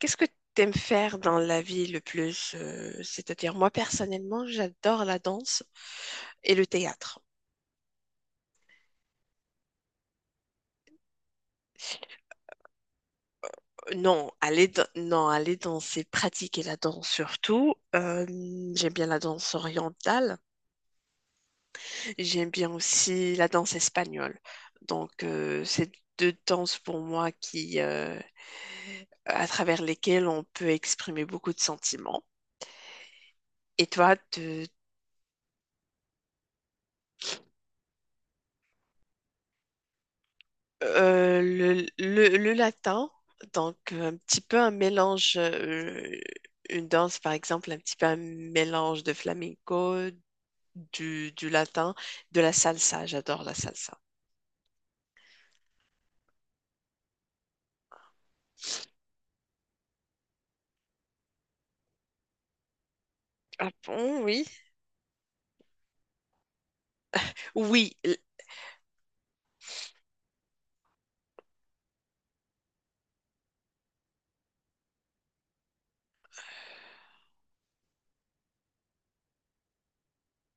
Qu'est-ce que tu aimes faire dans la vie le plus? C'est-à-dire, moi personnellement, j'adore la danse et le théâtre. Non, aller, non, aller danser, pratiquer la danse surtout. J'aime bien la danse orientale. J'aime bien aussi la danse espagnole. Donc, c'est deux danses pour moi à travers lesquelles on peut exprimer beaucoup de sentiments. Et toi. Le latin, donc un petit peu un mélange, une danse par exemple, un petit peu un mélange de flamenco, du latin, de la salsa, j'adore la salsa. Ah bon, oui. Oui, l-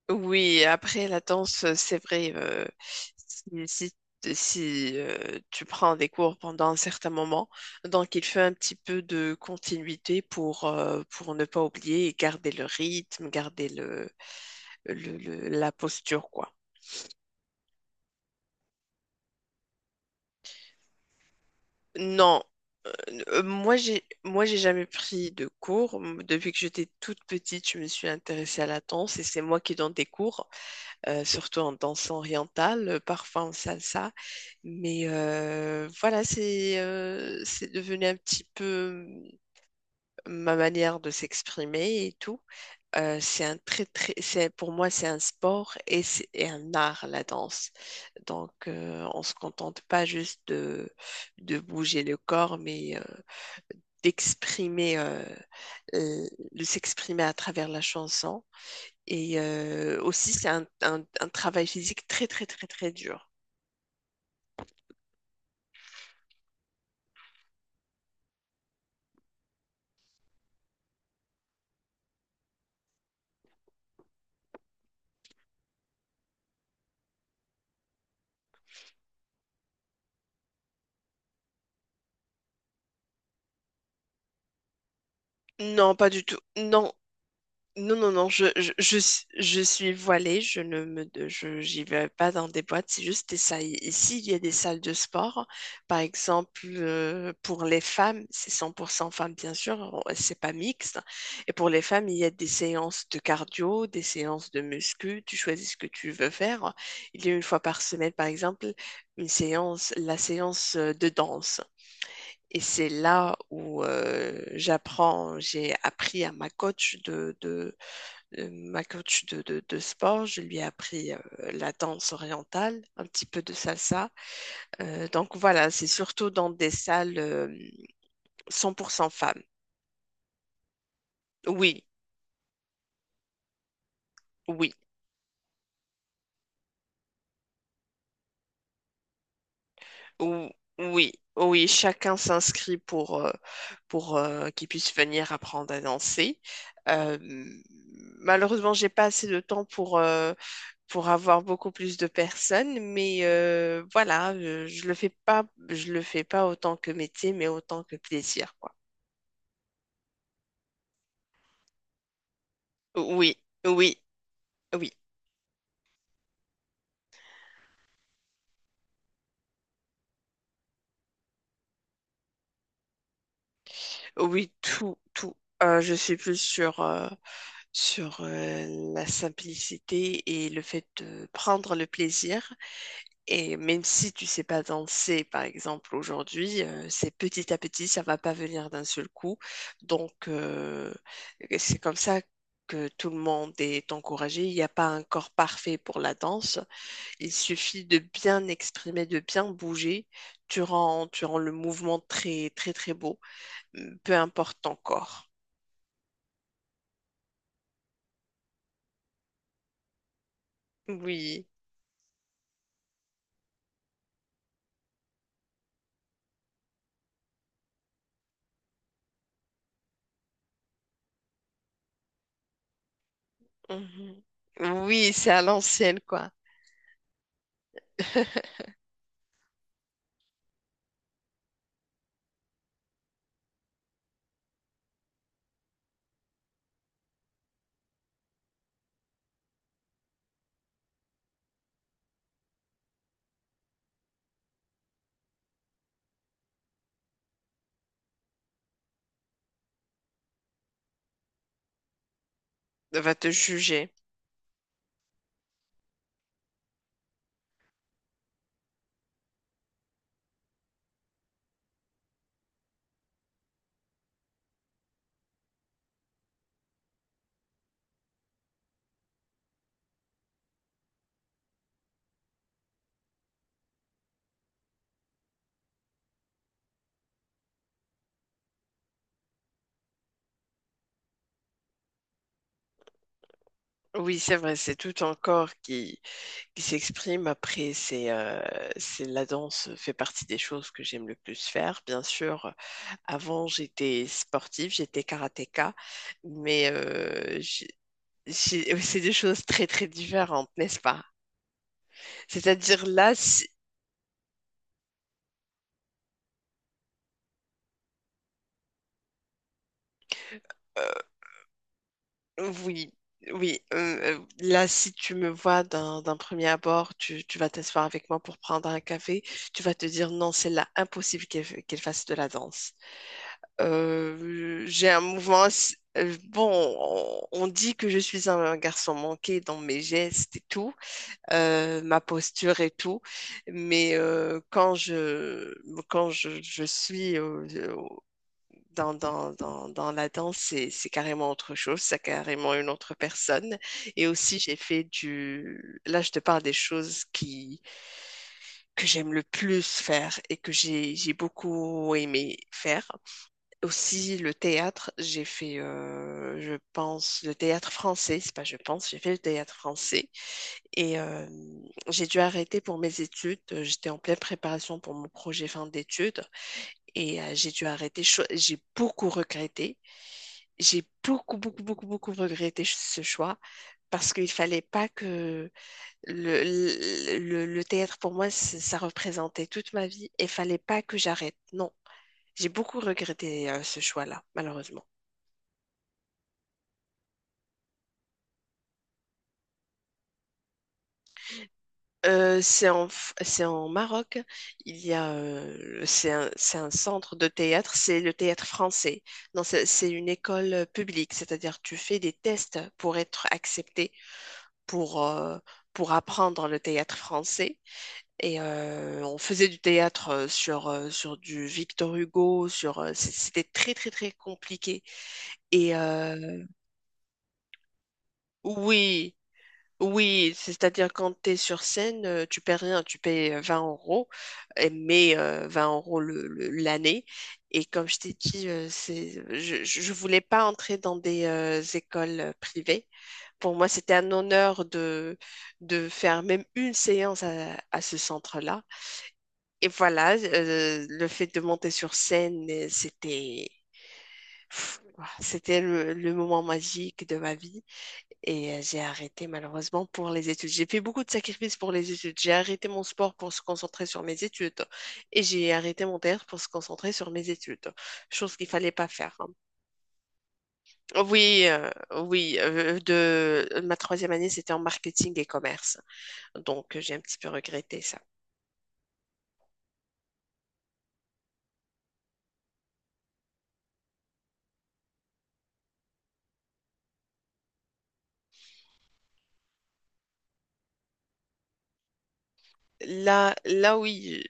oui, après la danse, c'est vrai, si, tu prends des cours pendant un certain moment, donc il fait un petit peu de continuité pour ne pas oublier et garder le rythme, garder la posture, quoi. Non, euh, moi j'ai jamais pris de cours. Depuis que j'étais toute petite, je me suis intéressée à la danse et c'est moi qui donne des cours, surtout en danse orientale, parfois en salsa. Mais voilà, c'est devenu un petit peu euh, ma manière de s'exprimer et tout. C'est un très, très, pour moi, c'est un sport et un art, la danse. Donc, on ne se contente pas juste de bouger le corps, mais d'exprimer, euh, euh, de s'exprimer à travers la chanson. Et aussi, c'est un travail physique très, très, très, très dur. Non, pas du tout. Non, non, non, non, je suis voilée, je ne me, je, j'y vais pas dans des boîtes, c'est juste des salles. Ici, il y a des salles de sport. Par exemple, pour les femmes, c'est 100% femmes, bien sûr, c'est pas mixte. Et pour les femmes, il y a des séances de cardio, des séances de muscu, tu choisis ce que tu veux faire. Il y a une fois par semaine, par exemple, une séance, la séance de danse. Et c'est là où j'ai appris à ma coach de, ma coach de sport. Je lui ai appris la danse orientale, un petit peu de salsa. Donc voilà, c'est surtout dans des salles 100% femmes. Oui, oui. Ou- Oui, oui, chacun s'inscrit pour qu'il puisse venir apprendre à danser. Euh, Malheureusement, j'ai pas assez de temps pour avoir beaucoup plus de personnes, mais voilà, le fais pas, je le fais pas autant que métier, mais autant que plaisir, quoi. Oui, oui, oui, oui, tout, tout. Je suis plus sur, sur euh, la simplicité et le fait de prendre le plaisir. Et même si tu sais pas danser, par exemple, aujourd'hui, c'est petit à petit, ça va pas venir d'un seul coup. Donc, c'est comme ça que tout le monde est encouragé. Il n'y a pas un corps parfait pour la danse. Il suffit de bien exprimer, de bien bouger. Tu rends le mouvement très, très, très beau, peu importe ton corps. Oui. Mhm. Oui, c'est à l'ancienne, quoi. Va te juger. Oui, c'est vrai, c'est tout ton corps qui, s'exprime. Après, c'est la danse fait partie des choses que j'aime le plus faire. Bien sûr, avant, j'étais sportive, j'étais karatéka, mais j'ai- c'est des choses très, très différentes, n'est-ce pas? C'est-à-dire là, si- euh, oui. Oui, là, si tu me vois d'un premier abord, tu vas t'asseoir avec moi pour prendre un café, tu vas te dire non, c'est là impossible qu'elle fasse de la danse. J'ai un mouvement. Bon, on dit que je suis un garçon manqué dans mes gestes et tout, ma posture et tout, mais je suis dans la danse, c'est carrément autre chose, c'est carrément une autre personne. Et aussi, j'ai fait du... Là, je te parle des choses que j'aime le plus faire et que j'ai beaucoup aimé faire. Aussi, le théâtre, j'ai fait, je pense, le théâtre français. C'est pas je pense, j'ai fait le théâtre français. Et j'ai dû arrêter pour mes études. J'étais en pleine préparation pour mon projet fin d'études. Et j'ai dû arrêter. J'ai beaucoup regretté. J'ai beaucoup, beaucoup, beaucoup, beaucoup regretté ce choix parce qu'il fallait pas que le théâtre, pour moi, ça représentait toute ma vie. Et fallait pas que j'arrête. Non. J'ai beaucoup regretté ce choix-là, malheureusement. C'est en Maroc. Il y a, c'est un centre de théâtre. C'est le théâtre français. Non, c'est une école publique, c'est-à-dire tu fais des tests pour être accepté pour euh, pour apprendre le théâtre français. Et on faisait du théâtre sur sur du Victor Hugo. Sur c'était très très très compliqué. Et oui. Oui, c'est-à-dire quand tu es sur scène, tu paies rien, tu payes 20 euros, mais 20 euros l'année. Et comme je t'ai dit, c'est, je voulais pas entrer dans des écoles privées. Pour moi, c'était un honneur de faire même une séance à ce centre-là. Et voilà, le fait de monter sur scène, pff, c'était le moment magique de ma vie. Et j'ai arrêté malheureusement pour les études. J'ai fait beaucoup de sacrifices pour les études. J'ai arrêté mon sport pour se concentrer sur mes études. Et j'ai arrêté mon théâtre pour se concentrer sur mes études. Chose qu'il fallait pas faire. Hein. Oui, oui. Ma troisième année, c'était en marketing et commerce. Donc j'ai un petit peu regretté ça. Là, oui,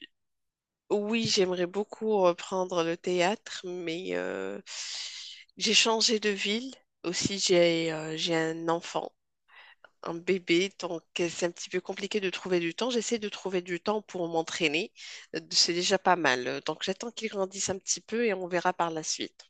oui, j'aimerais beaucoup reprendre le théâtre, mais j'ai changé de ville. Aussi, j'ai un enfant. Un bébé, donc c'est un petit peu compliqué de trouver du temps. J'essaie de trouver du temps pour m'entraîner. C'est déjà pas mal. Donc j'attends qu'il grandisse un petit peu et on verra par la suite.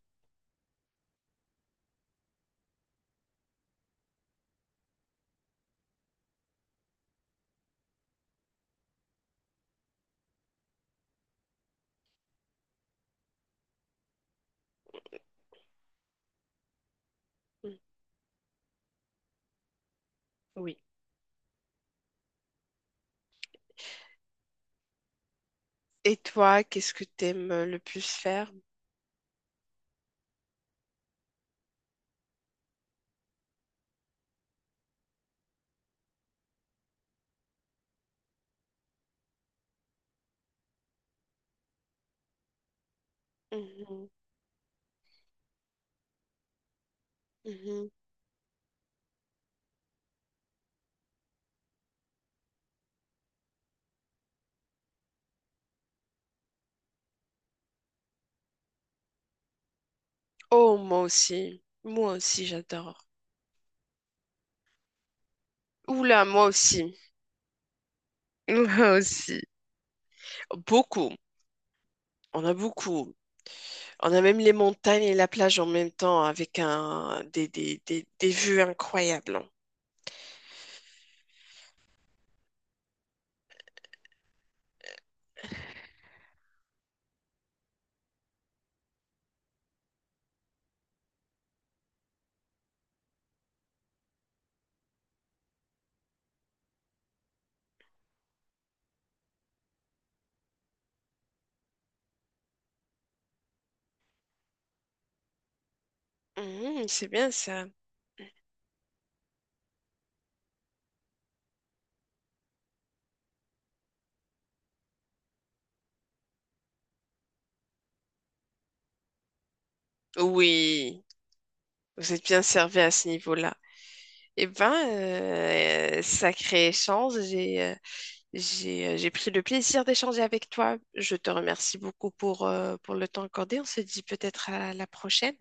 Mm. Oui. Et toi, qu'est-ce que t'aimes le plus faire? Mhm, mhm. Oh, moi aussi. Moi aussi, j'adore. Oula, moi aussi. Moi aussi. Beaucoup. On a beaucoup. On a même les montagnes et la plage en même temps avec un, des vues incroyables. Mhm, c'est bien ça. Oui, vous êtes bien servi à ce niveau-là. Eh ben, sacré échange, j'ai pris le plaisir d'échanger avec toi. Je te remercie beaucoup pour le temps accordé. On se dit peut-être à la prochaine.